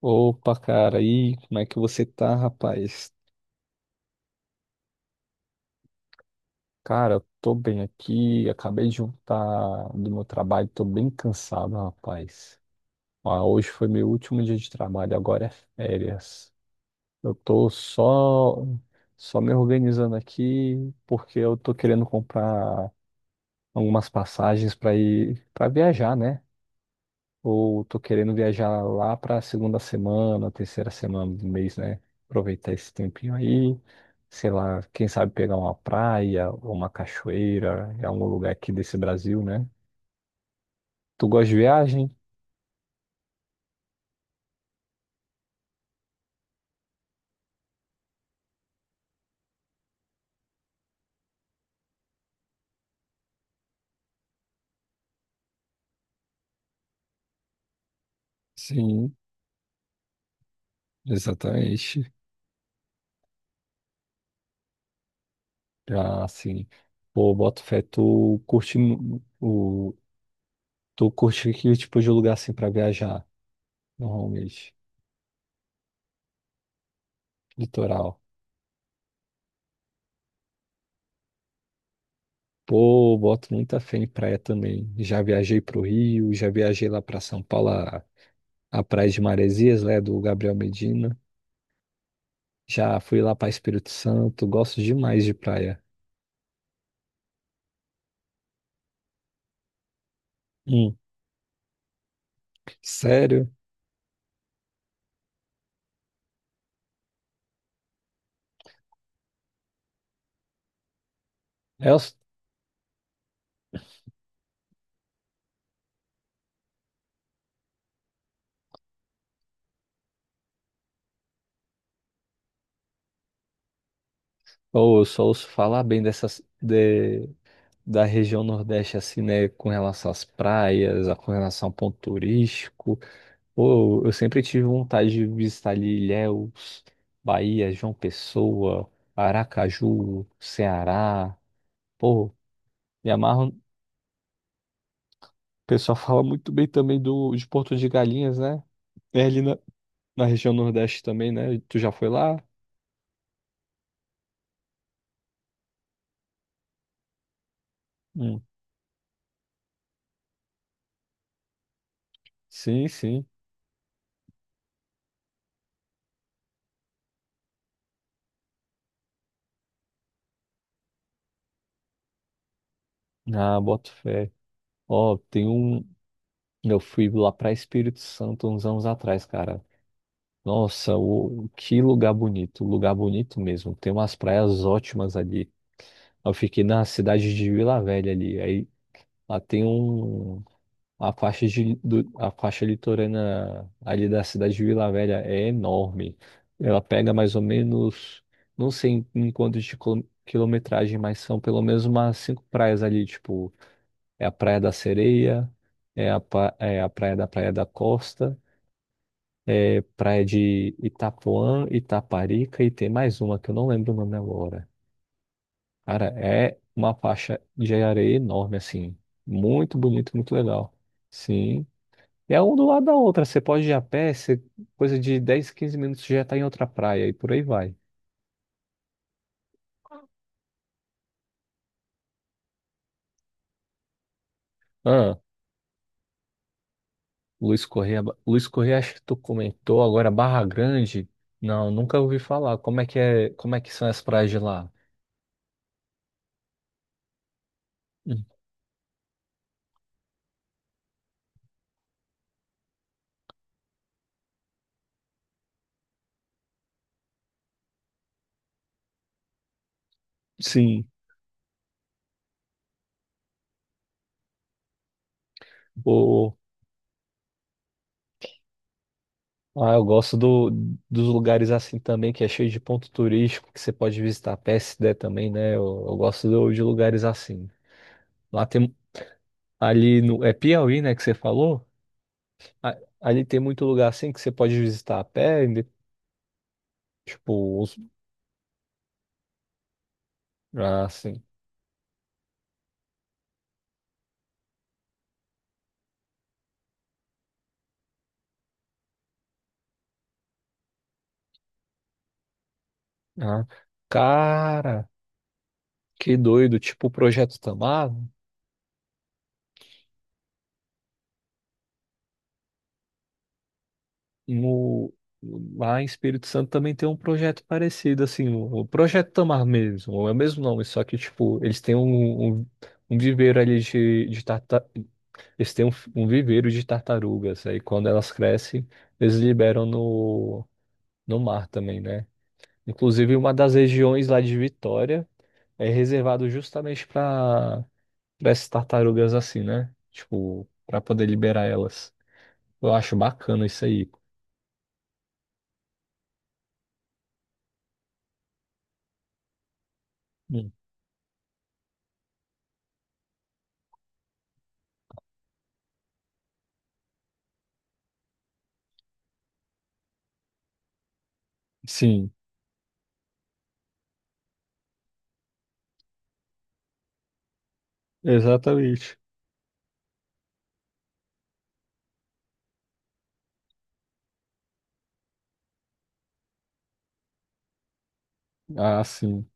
Opa, cara, e aí, como é que você tá, rapaz? Cara, eu tô bem aqui, acabei de voltar do meu trabalho, tô bem cansado, rapaz. Ah, hoje foi meu último dia de trabalho, agora é férias. Eu tô só me organizando aqui porque eu tô querendo comprar algumas passagens pra ir para viajar, né? Ou tô querendo viajar lá para a segunda semana, terceira semana do mês, né? Aproveitar esse tempinho aí, sei lá, quem sabe pegar uma praia ou uma cachoeira, em algum lugar aqui desse Brasil, né? Tu gosta de viagem? Sim, exatamente. Já assim, pô, boto fé, tu curte que tipo de lugar assim para viajar, normalmente, litoral. Pô, boto muita fé em praia também. Já viajei pro Rio, já viajei lá para São Paulo, a Praia de Maresias, né, do Gabriel Medina. Já fui lá para Espírito Santo, gosto demais de praia. Hum, sério? É, Eu, ou eu só ouço falar bem da região Nordeste, assim, né, com relação às praias, com relação ao ponto turístico. Pô, eu sempre tive vontade de visitar ali Ilhéus, Bahia, João Pessoa, Aracaju, Ceará. Pô, me amarro. O pessoal fala muito bem também de Porto de Galinhas, né? É ali na- Na região Nordeste também, né? Tu já foi lá? Hum. Sim, sim. Ah, boto fé. Ó, tem um. Eu fui lá pra Espírito Santo uns anos atrás, cara. Nossa, que lugar bonito. Lugar bonito mesmo. Tem umas praias ótimas ali. Eu fiquei na cidade de Vila Velha ali. Aí lá tem um. A faixa litorânea ali da cidade de Vila Velha é enorme. Ela pega mais ou menos, não sei em quantos de quilometragem, mas são pelo menos umas cinco praias ali, tipo, é a Praia da Sereia, é a Praia da Costa, é Praia de Itapuã, Itaparica e tem mais uma que eu não lembro o nome agora. Cara, é uma faixa de areia enorme, assim, muito bonito, muito legal. Sim. É um do lado da outra. Você pode ir a pé, coisa de 10, 15 minutos você já está em outra praia e por aí vai. Ah, Luiz Correia, Luiz Correia, acho que tu comentou agora Barra Grande. Não, nunca ouvi falar. Como é que são as praias de lá? Hum, Sim. O, ah, eu gosto dos lugares assim também, que é cheio de ponto turístico, que você pode visitar a pé se der também, né? Eu gosto de lugares assim. Lá tem ali no, é Piauí, né, que você falou? A ali tem muito lugar assim que você pode visitar a pé, e tipo, ah, assim. Ah. Cara, que doido. Tipo, o Projeto Tamar, no, lá em Espírito Santo também tem um projeto parecido, assim, o Projeto Tamar mesmo, é o mesmo nome, só que, tipo, eles têm um viveiro ali de tartar... Eles têm um viveiro de tartarugas, aí quando elas crescem, eles liberam no mar também, né? Inclusive, uma das regiões lá de Vitória é reservado justamente para essas tartarugas assim, né? Tipo, para poder liberar elas. Eu acho bacana isso aí. Hum. Sim, exatamente. Ah, sim.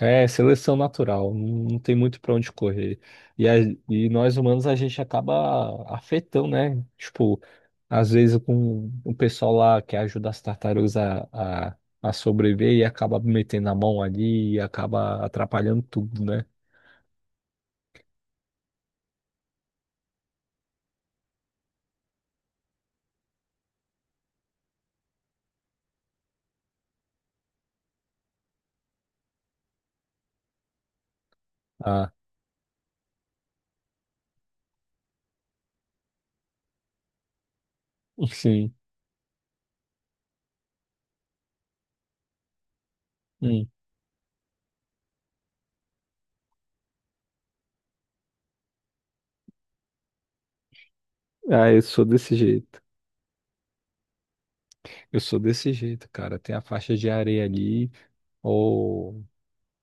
É seleção natural, não tem muito para onde correr. E, a- e nós humanos a gente acaba afetando, né? Tipo, às vezes com o pessoal lá que ajuda as tartarugas a sobreviver e acaba metendo a mão ali e acaba atrapalhando tudo, né? Ah, sim. Hum. Ah, eu sou desse jeito. Eu sou desse jeito, cara. Tem a faixa de areia ali. Ou.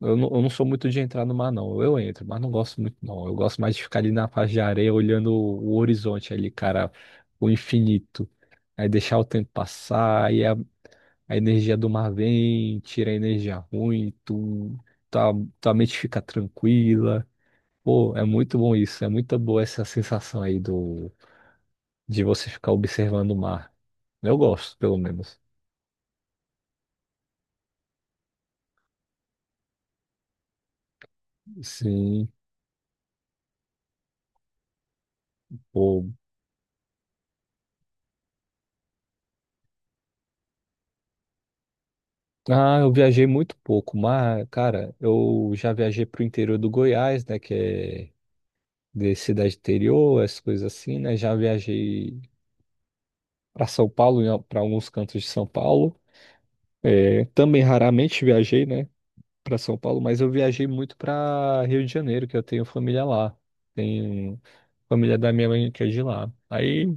Eu não sou muito de entrar no mar, não. Eu entro, mas não gosto muito, não. Eu gosto mais de ficar ali na faixa de areia olhando o horizonte ali, cara. O infinito. Aí deixar o tempo passar. Aí a energia do mar vem, tira a energia ruim. Tua, tua mente fica tranquila. Pô, é muito bom isso. É muito boa essa sensação aí de você ficar observando o mar. Eu gosto, pelo menos. Sim. Pô. Ah, eu viajei muito pouco, mas, cara, eu já viajei pro interior do Goiás, né, que é de cidade interior, essas coisas assim, né? Já viajei para São Paulo, para alguns cantos de São Paulo. É, também raramente viajei, né, para São Paulo, mas eu viajei muito para Rio de Janeiro, que eu tenho família lá. Tenho família da minha mãe que é de lá. Aí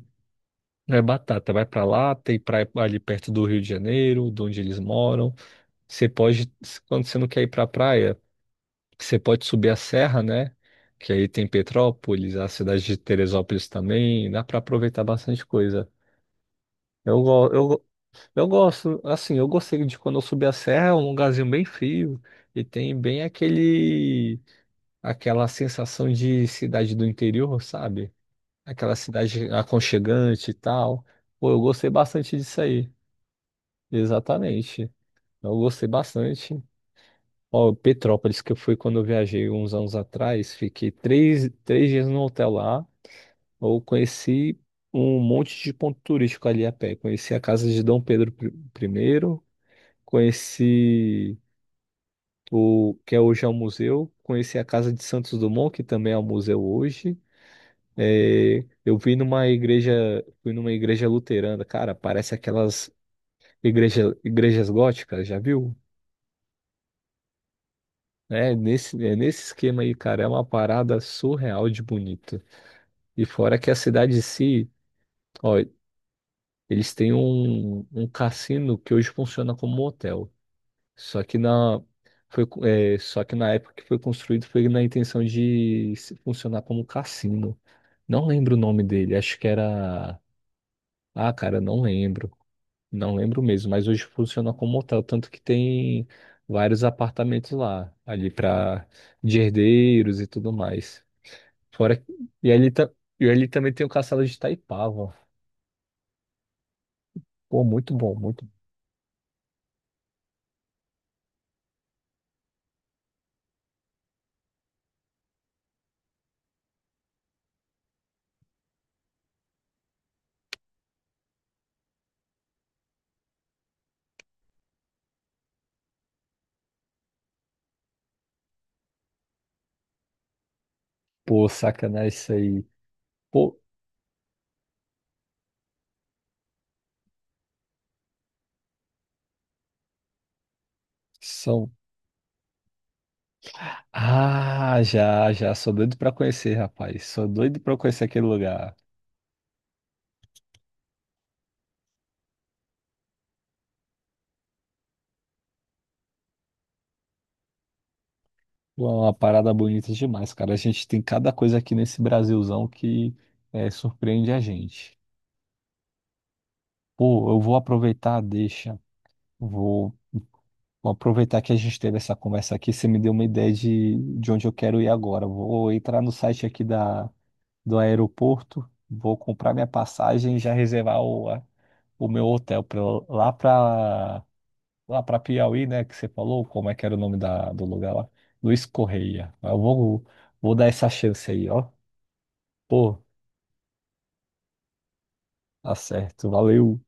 é batata, vai para lá, tem praia ali perto do Rio de Janeiro, de onde eles moram. Você pode, quando você não quer ir para a praia, você pode subir a serra, né? Que aí tem Petrópolis, a cidade de Teresópolis também, dá para aproveitar bastante coisa. Eu, go- eu, go- eu gosto, assim, eu gostei de quando eu subi a serra, é um lugarzinho bem frio e tem bem aquela sensação de cidade do interior, sabe? Aquela cidade aconchegante e tal. Pô, eu gostei bastante disso aí, exatamente. Eu gostei bastante. Ó, Petrópolis, que eu fui quando eu viajei uns anos atrás, fiquei 3 dias no hotel lá, eu conheci um monte de ponto turístico ali a pé. Conheci a casa de Dom Pedro I, primeiro, conheci o que é hoje é um museu, conheci a casa de Santos Dumont, que também é um museu hoje. É, eu vi numa igreja, fui numa igreja luterana, cara, parece aquelas igrejas góticas, já viu? É nesse esquema aí, cara. É uma parada surreal de bonito. E fora que a cidade em si, ó, eles têm um cassino que hoje funciona como um hotel. Só que na, Só que na época que foi construído foi na intenção de funcionar como cassino. Não lembro o nome dele, acho que era. Ah, cara, não lembro. Não lembro mesmo, mas hoje funciona como hotel, tanto que tem vários apartamentos lá, ali para de herdeiros e tudo mais. Fora, e ali, e ali também tem o castelo de Itaipava. Pô, muito bom, muito. Bom. Pô, sacanagem isso aí. Pô, são. Ah, já, já. Sou doido pra conhecer, rapaz. Sou doido pra conhecer aquele lugar. Pô, é uma parada bonita demais, cara. A gente tem cada coisa aqui nesse Brasilzão que surpreende a gente. Pô, eu vou aproveitar, a deixa. Vou, vou aproveitar que a gente teve essa conversa aqui. Você me deu uma ideia de onde eu quero ir agora. Vou entrar no site aqui da do aeroporto, vou comprar minha passagem e já reservar o meu hotel pra, eu- lá para lá para Piauí, né? Que você falou, como é que era o nome do lugar lá? Luiz Correia. Eu vou dar essa chance aí, ó. Pô, tá certo, valeu.